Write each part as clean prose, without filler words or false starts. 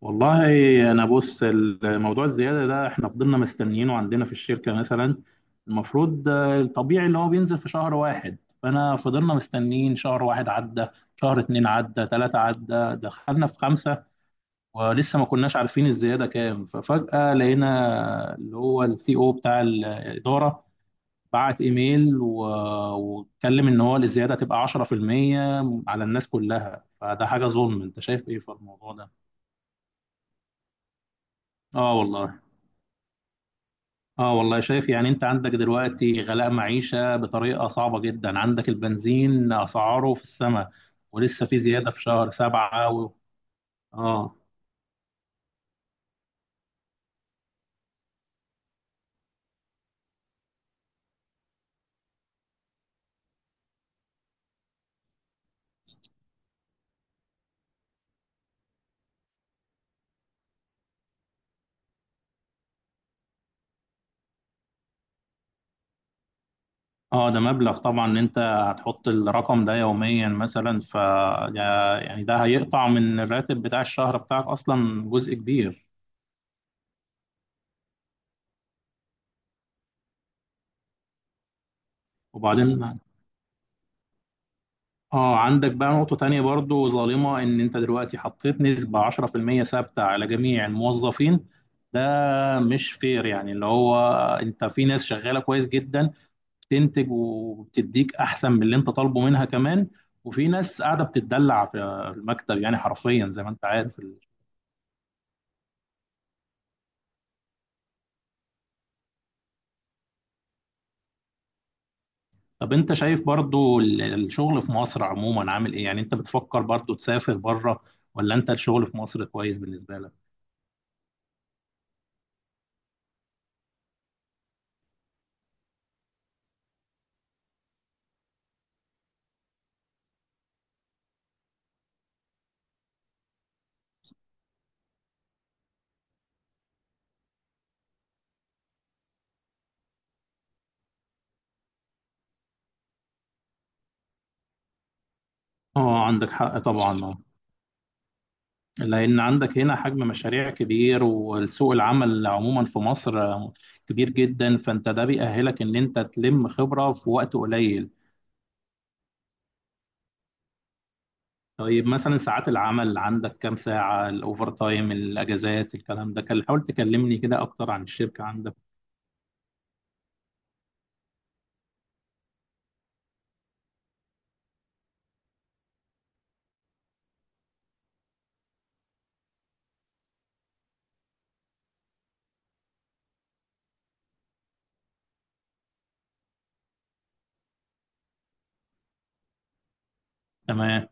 والله. انا بص، الموضوع الزياده ده احنا فضلنا مستنيينه عندنا في الشركه. مثلا المفروض الطبيعي اللي هو بينزل في شهر واحد. فانا فضلنا مستنيين شهر واحد عدى، شهر اتنين عدى، تلاته عدى، دخلنا في خمسه ولسه ما كناش عارفين الزياده كام. ففجاه لقينا اللي هو السي او بتاع الاداره بعت ايميل واتكلم ان هو الزياده هتبقى 10% على الناس كلها. فده حاجه ظلم، انت شايف ايه في الموضوع ده؟ اه والله. اه والله، شايف. يعني انت عندك دلوقتي غلاء معيشة بطريقة صعبة جدا، عندك البنزين اسعاره في السماء ولسه في زيادة في شهر سبعة اه. اه، ده مبلغ طبعا ان انت هتحط الرقم ده يوميا. مثلا ف يعني ده هيقطع من الراتب بتاع الشهر بتاعك اصلا جزء كبير. وبعدين اه، عندك بقى نقطة تانية برضو ظالمة، ان انت دلوقتي حطيت نسبة 10% ثابتة على جميع الموظفين. ده مش فير، يعني اللي هو انت في ناس شغالة كويس جدا، بتنتج وبتديك احسن من اللي انت طالبه منها كمان. وفي ناس قاعدة بتتدلع في المكتب، يعني حرفيا زي ما انت عارف. طب انت شايف برضو الشغل في مصر عموما عامل ايه؟ يعني انت بتفكر برضو تسافر بره، ولا انت الشغل في مصر كويس بالنسبة لك؟ اه، عندك حق طبعا. لأن عندك هنا حجم مشاريع كبير، والسوق العمل عموما في مصر كبير جدا، فأنت ده بيأهلك إن أنت تلم خبرة في وقت قليل. طيب مثلا ساعات العمل عندك كام ساعة؟ الأوفر تايم، الأجازات، الكلام ده، كان حاول تكلمني كده أكتر عن الشركة عندك. تمام.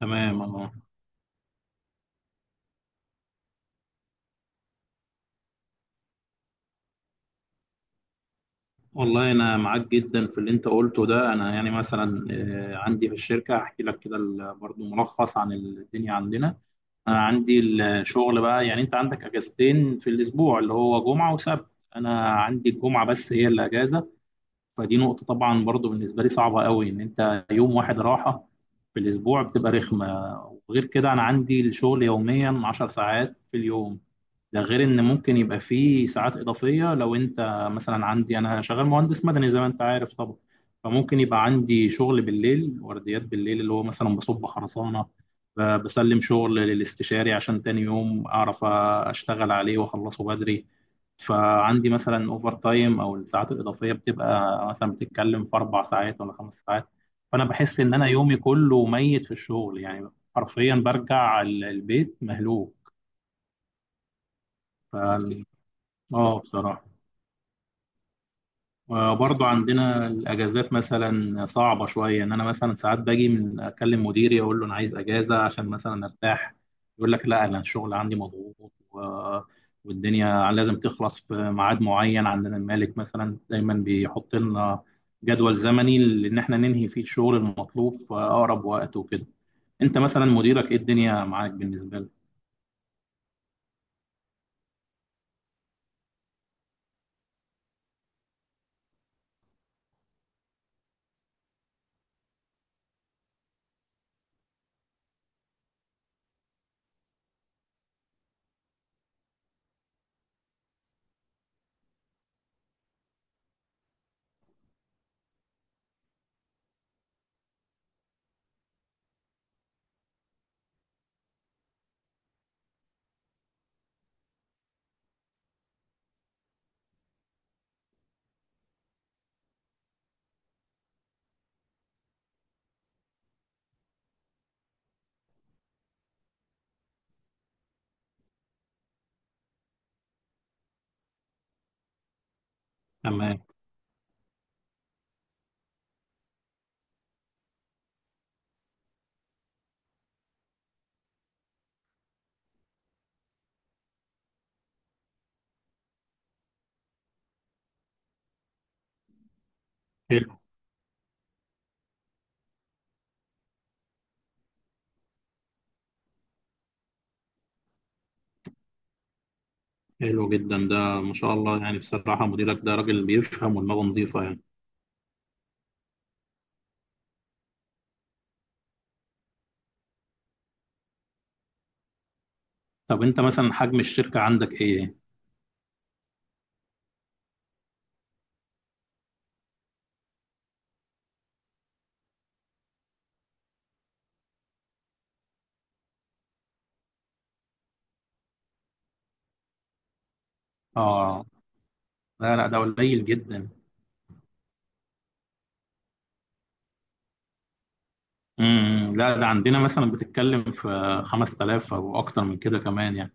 تمام. اه والله، أنا معاك جدا في اللي أنت قلته ده. أنا يعني مثلا عندي في الشركة أحكي لك كده برضو ملخص عن الدنيا عندنا. انا عندي الشغل بقى يعني، انت عندك اجازتين في الاسبوع اللي هو جمعه وسبت، انا عندي الجمعه بس هي اللي اجازه. فدي نقطه طبعا برضو بالنسبه لي صعبه قوي، ان انت يوم واحد راحه في الاسبوع بتبقى رخمه. وغير كده انا عندي الشغل يوميا 10 ساعات في اليوم. ده غير ان ممكن يبقى فيه ساعات اضافيه، لو انت مثلا، عندي انا شغال مهندس مدني زي ما انت عارف طبعا، فممكن يبقى عندي شغل بالليل، ورديات بالليل، اللي هو مثلا بصب خرسانه، بسلم شغل للاستشاري عشان تاني يوم اعرف اشتغل عليه واخلصه بدري. فعندي مثلا اوفر تايم او الساعات الاضافيه بتبقى مثلا، بتتكلم في اربع ساعات ولا خمس ساعات. فانا بحس ان انا يومي كله ميت في الشغل، يعني حرفيا برجع البيت مهلوك. فال- اه بصراحة، برضو عندنا الأجازات مثلا صعبة شوية. إن أنا مثلا ساعات باجي من أكلم مديري أقول له أنا عايز أجازة عشان مثلا أرتاح، يقول لك لا أنا الشغل عندي مضغوط والدنيا لازم تخلص في ميعاد معين. عندنا المالك مثلا دايما بيحط لنا جدول زمني إن إحنا ننهي فيه الشغل المطلوب في أقرب وقت وكده. أنت مثلا مديرك إيه الدنيا معاك بالنسبة لك؟ تمام. حلو. حلو جدا، ده ما شاء الله، يعني بصراحة مديرك ده راجل بيفهم ودماغه نظيفة يعني. طب انت مثلا حجم الشركة عندك ايه؟ اه، لا لا، ده قليل جدا. امم، لا ده عندنا مثلا بتتكلم في 5000 او اكتر من كده كمان يعني.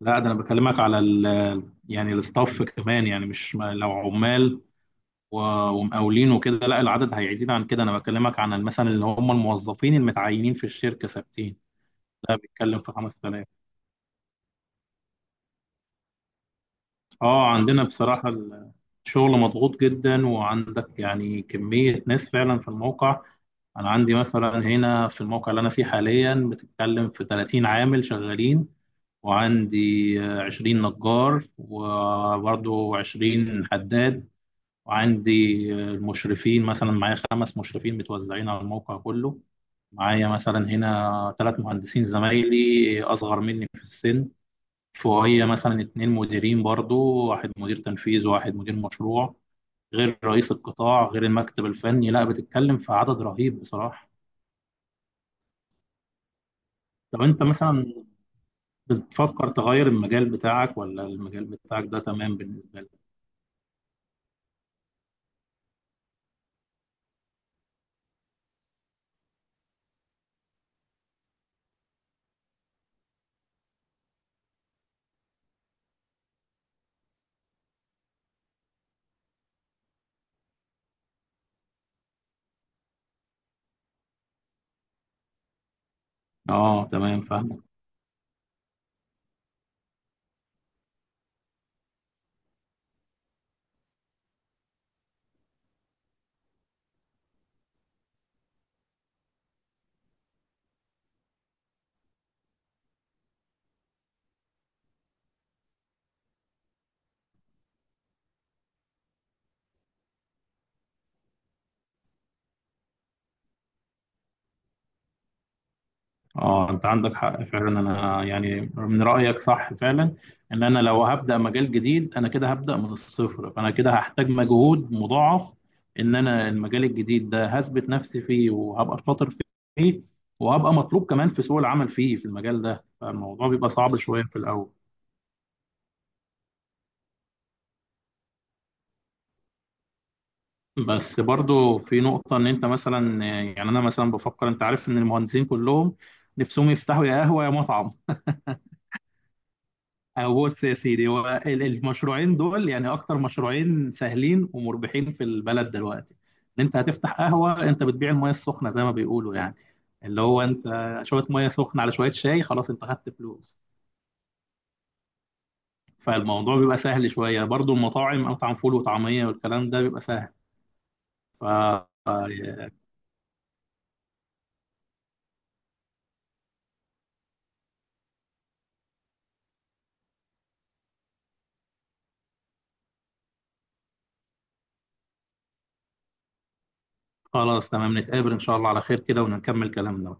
لا ده انا بكلمك على ال، يعني الاستاف كمان، يعني مش ما- لو عمال و- ومقاولين وكده لا، العدد هيزيد عن كده. انا بكلمك عن مثلا اللي هم الموظفين المتعينين في الشركة ثابتين، لا بيتكلم في 5000. اه، عندنا بصراحة الشغل مضغوط جدا، وعندك يعني كمية ناس فعلا في الموقع. انا عندي مثلا هنا في الموقع اللي انا فيه حاليا بتتكلم في 30 عامل شغالين، وعندي 20 نجار وبرضه 20 حداد، وعندي المشرفين مثلا معايا خمس مشرفين متوزعين على الموقع كله. معايا مثلا هنا ثلاث مهندسين زمايلي اصغر مني في السن، فوقيا مثلا اتنين مديرين برضه، واحد مدير تنفيذ وواحد مدير مشروع، غير رئيس القطاع، غير المكتب الفني. لا بتتكلم في عدد رهيب بصراحة. طب انت مثلا بتفكر تغير المجال بتاعك ولا المجال بتاعك ده تمام بالنسبة لك؟ اه تمام، فاهمك. اه انت عندك حق فعلا. انا يعني من رأيك صح فعلا، ان انا لو هبدأ مجال جديد انا كده هبدأ من الصفر، فانا كده هحتاج مجهود مضاعف. ان انا المجال الجديد ده هثبت نفسي فيه، وهبقى شاطر فيه، وهبقى مطلوب كمان في سوق العمل فيه في المجال ده، فالموضوع بيبقى صعب شوية في الأول. بس برضو في نقطة، إن أنت مثلا، يعني أنا مثلا بفكر، أنت عارف إن المهندسين كلهم نفسهم يفتحوا يا قهوة يا مطعم. أو بص يا سيدي، هو المشروعين دول يعني أكتر مشروعين سهلين ومربحين في البلد دلوقتي. إن أنت هتفتح قهوة، أنت بتبيع المياه السخنة زي ما بيقولوا يعني. اللي هو أنت شوية مياه سخنة على شوية شاي، خلاص أنت خدت فلوس. فالموضوع بيبقى سهل شوية. برضو المطاعم، مطعم فول وطعمية والكلام ده بيبقى سهل. ف خلاص تمام، نتقابل إن شاء الله على خير كده ونكمل كلامنا.